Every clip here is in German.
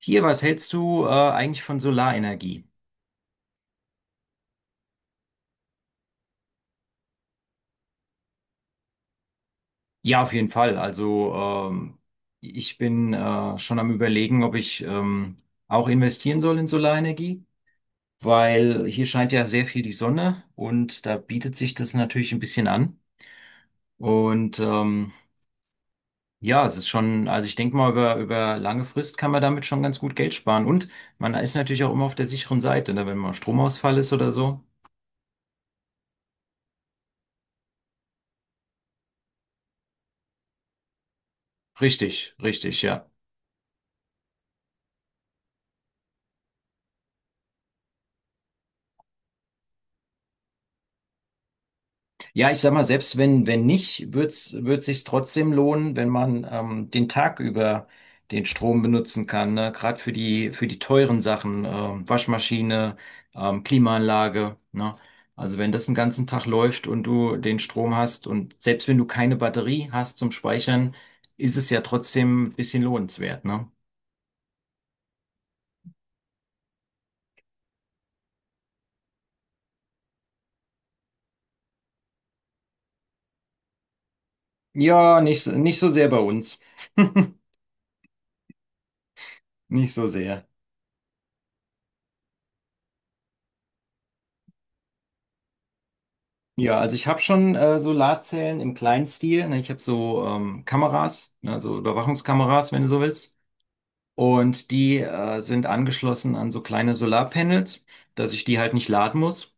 Hier, was hältst du eigentlich von Solarenergie? Ja, auf jeden Fall. Also ähm, ich bin schon am Überlegen, ob ich auch investieren soll in Solarenergie, weil hier scheint ja sehr viel die Sonne und da bietet sich das natürlich ein bisschen an. Und ja, es ist schon, also ich denke mal, über lange Frist kann man damit schon ganz gut Geld sparen. Und man ist natürlich auch immer auf der sicheren Seite, ne? Wenn mal Stromausfall ist oder so. Richtig, richtig, ja. Ja, ich sag mal, selbst wenn nicht, wird sich's trotzdem lohnen, wenn man den Tag über den Strom benutzen kann, ne? Gerade für für die teuren Sachen, Waschmaschine, Klimaanlage, ne? Also wenn das den ganzen Tag läuft und du den Strom hast und selbst wenn du keine Batterie hast zum Speichern, ist es ja trotzdem ein bisschen lohnenswert, ne? Ja, nicht, nicht so sehr bei uns. Nicht so sehr. Ja, also ich habe schon Solarzellen im kleinen Stil. Ne? Ich habe so Kameras, ne? So Überwachungskameras, wenn du so willst. Und die sind angeschlossen an so kleine Solarpanels, dass ich die halt nicht laden muss.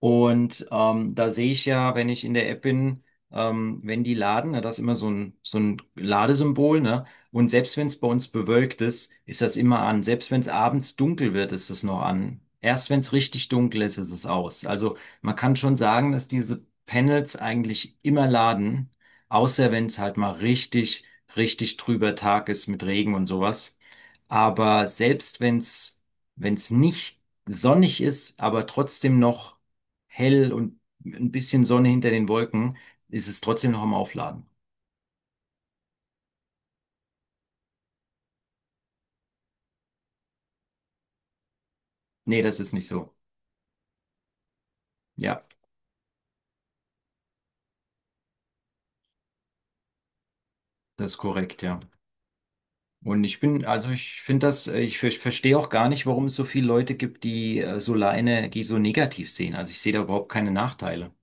Und da sehe ich ja, wenn ich in der App bin, wenn die laden, na, das ist immer so ein Ladesymbol, ne? Und selbst wenn es bei uns bewölkt ist, ist das immer an. Selbst wenn es abends dunkel wird, ist es noch an. Erst wenn es richtig dunkel ist, ist es aus. Also man kann schon sagen, dass diese Panels eigentlich immer laden, außer wenn es halt mal richtig trüber Tag ist mit Regen und sowas. Aber selbst wenn wenn es nicht sonnig ist, aber trotzdem noch hell und ein bisschen Sonne hinter den Wolken, ist es trotzdem noch am Aufladen. Nee, das ist nicht so. Ja, das ist korrekt, ja. Und ich bin, also ich finde das, ich verstehe auch gar nicht, warum es so viele Leute gibt, die Solarenergie so negativ sehen. Also ich sehe da überhaupt keine Nachteile.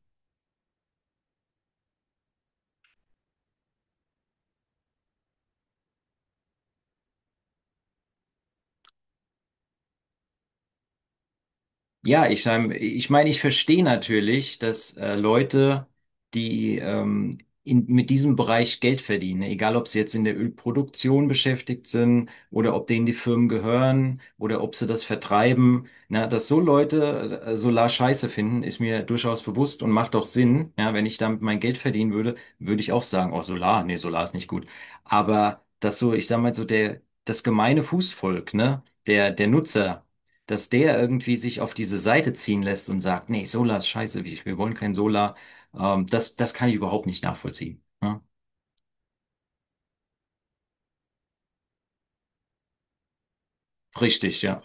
Ja, ich meine, ich verstehe natürlich, dass Leute, die mit diesem Bereich Geld verdienen, ne? Egal ob sie jetzt in der Ölproduktion beschäftigt sind oder ob denen die Firmen gehören oder ob sie das vertreiben, na, dass so Leute Solar scheiße finden, ist mir durchaus bewusst und macht auch Sinn. Ja, wenn ich damit mein Geld verdienen würde, würde ich auch sagen, oh, Solar, nee, Solar ist nicht gut. Aber dass so, ich sag mal, so das gemeine Fußvolk, ne, der Nutzer, dass der irgendwie sich auf diese Seite ziehen lässt und sagt, nee, Solar ist scheiße, wir wollen kein Solar. Das kann ich überhaupt nicht nachvollziehen. Ja? Richtig, ja.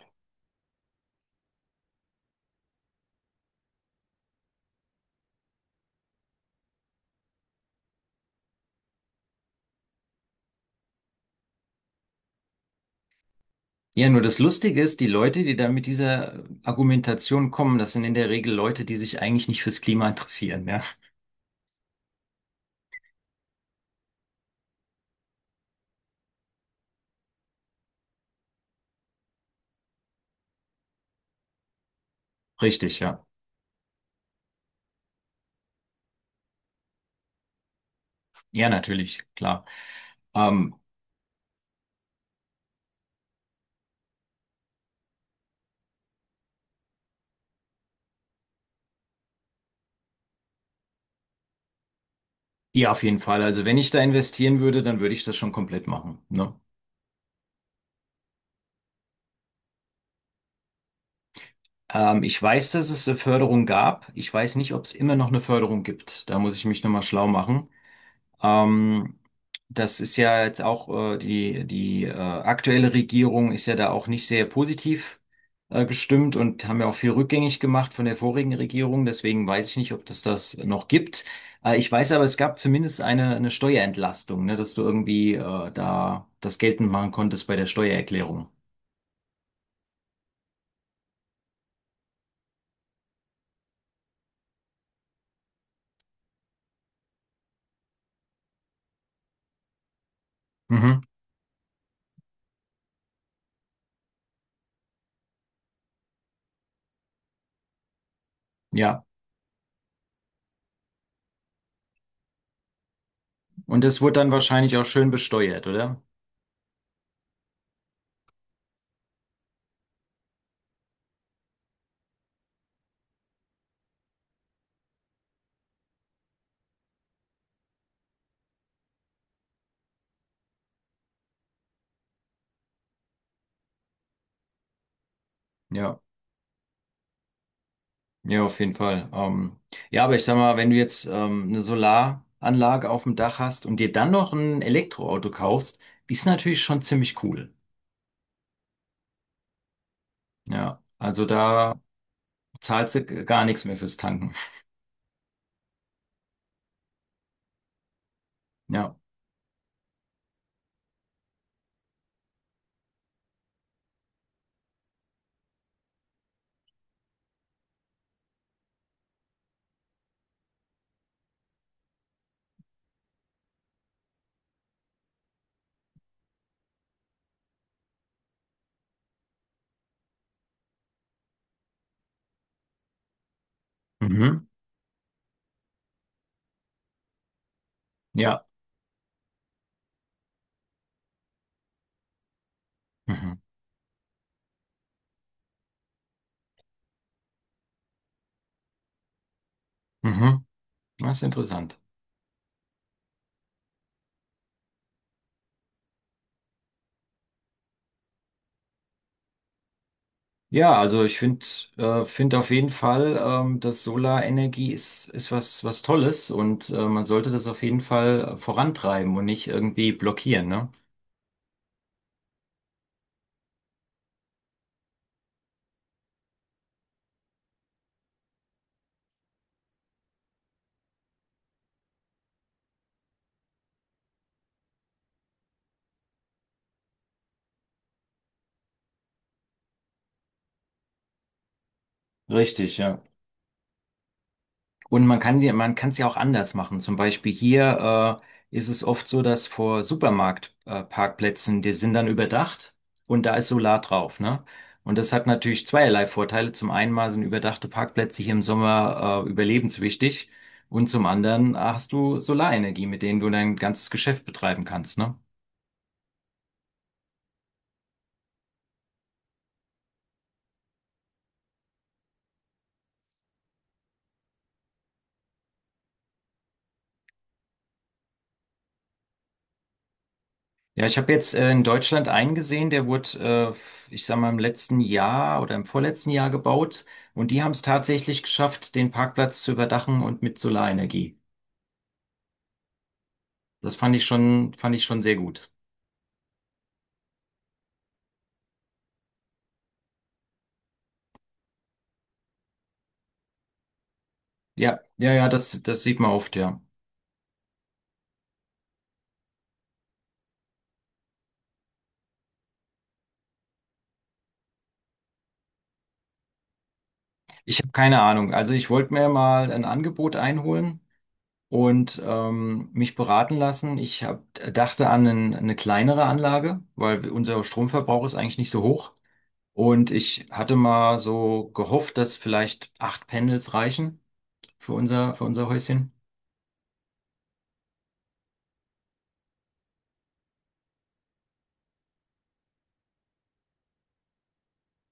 Ja, nur das Lustige ist, die Leute, die da mit dieser Argumentation kommen, das sind in der Regel Leute, die sich eigentlich nicht fürs Klima interessieren, ja. Richtig, ja. Ja, natürlich, klar. Ähm, ja, auf jeden Fall. Also wenn ich da investieren würde, dann würde ich das schon komplett machen, ne? Ich weiß, dass es eine Förderung gab. Ich weiß nicht, ob es immer noch eine Förderung gibt. Da muss ich mich nochmal schlau machen. Ähm, das ist ja jetzt auch die aktuelle Regierung ist ja da auch nicht sehr positiv gestimmt und haben ja auch viel rückgängig gemacht von der vorigen Regierung. Deswegen weiß ich nicht, ob das das noch gibt. Ich weiß aber, es gab zumindest eine Steuerentlastung, ne, dass du irgendwie da das geltend machen konntest bei der Steuererklärung. Mhm. Ja, und das wurde dann wahrscheinlich auch schön besteuert, oder? Ja. Ja, auf jeden Fall. Ja, aber ich sag mal, wenn du jetzt eine Solaranlage auf dem Dach hast und dir dann noch ein Elektroauto kaufst, ist natürlich schon ziemlich cool. Ja, also da zahlst du gar nichts mehr fürs Tanken. Ja. Mhm. Ja. Mhm. Mhm. Das ist interessant. Ja, also ich finde find auf jeden Fall, dass Solarenergie ist was, was Tolles und man sollte das auf jeden Fall vorantreiben und nicht irgendwie blockieren, ne? Richtig, ja. Und man kann die, man kann es ja auch anders machen. Zum Beispiel hier ist es oft so, dass vor Supermarktparkplätzen, Parkplätzen, die sind dann überdacht und da ist Solar drauf, ne? Und das hat natürlich zweierlei Vorteile. Zum einen mal sind überdachte Parkplätze hier im Sommer überlebenswichtig und zum anderen hast du Solarenergie, mit denen du dein ganzes Geschäft betreiben kannst, ne? Ja, ich habe jetzt in Deutschland einen gesehen, der wurde, ich sag mal, im letzten Jahr oder im vorletzten Jahr gebaut. Und die haben es tatsächlich geschafft, den Parkplatz zu überdachen und mit Solarenergie. Das fand ich schon sehr gut. Ja, ja, ja, das sieht man oft, ja. Ich habe keine Ahnung. Also ich wollte mir mal ein Angebot einholen und mich beraten lassen. Dachte an eine kleinere Anlage, weil unser Stromverbrauch ist eigentlich nicht so hoch. Und ich hatte mal so gehofft, dass vielleicht acht Panels reichen für für unser Häuschen.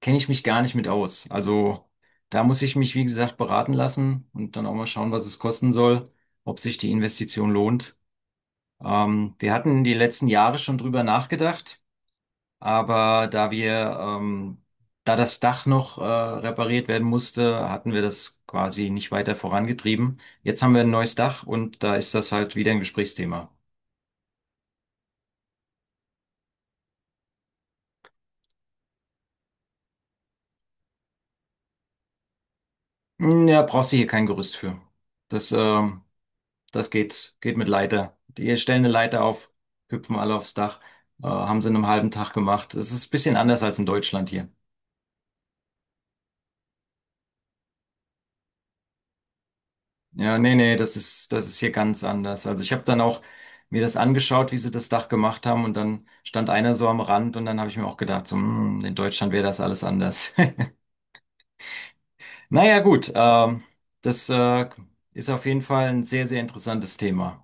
Kenne ich mich gar nicht mit aus. Also da muss ich mich, wie gesagt, beraten lassen und dann auch mal schauen, was es kosten soll, ob sich die Investition lohnt. Wir hatten die letzten Jahre schon drüber nachgedacht, aber da da das Dach noch, repariert werden musste, hatten wir das quasi nicht weiter vorangetrieben. Jetzt haben wir ein neues Dach und da ist das halt wieder ein Gesprächsthema. Hm, ja, brauchst du hier kein Gerüst für. Das, ähm, das geht, geht mit Leiter. Die stellen eine Leiter auf, hüpfen alle aufs Dach, haben sie in einem halben Tag gemacht. Es ist ein bisschen anders als in Deutschland hier. Ja, nee, nee, das ist hier ganz anders. Also ich habe dann auch mir das angeschaut, wie sie das Dach gemacht haben und dann stand einer so am Rand und dann habe ich mir auch gedacht, so, hm, in Deutschland wäre das alles anders. Naja, gut, das, äh, ist auf jeden Fall ein sehr, sehr interessantes Thema.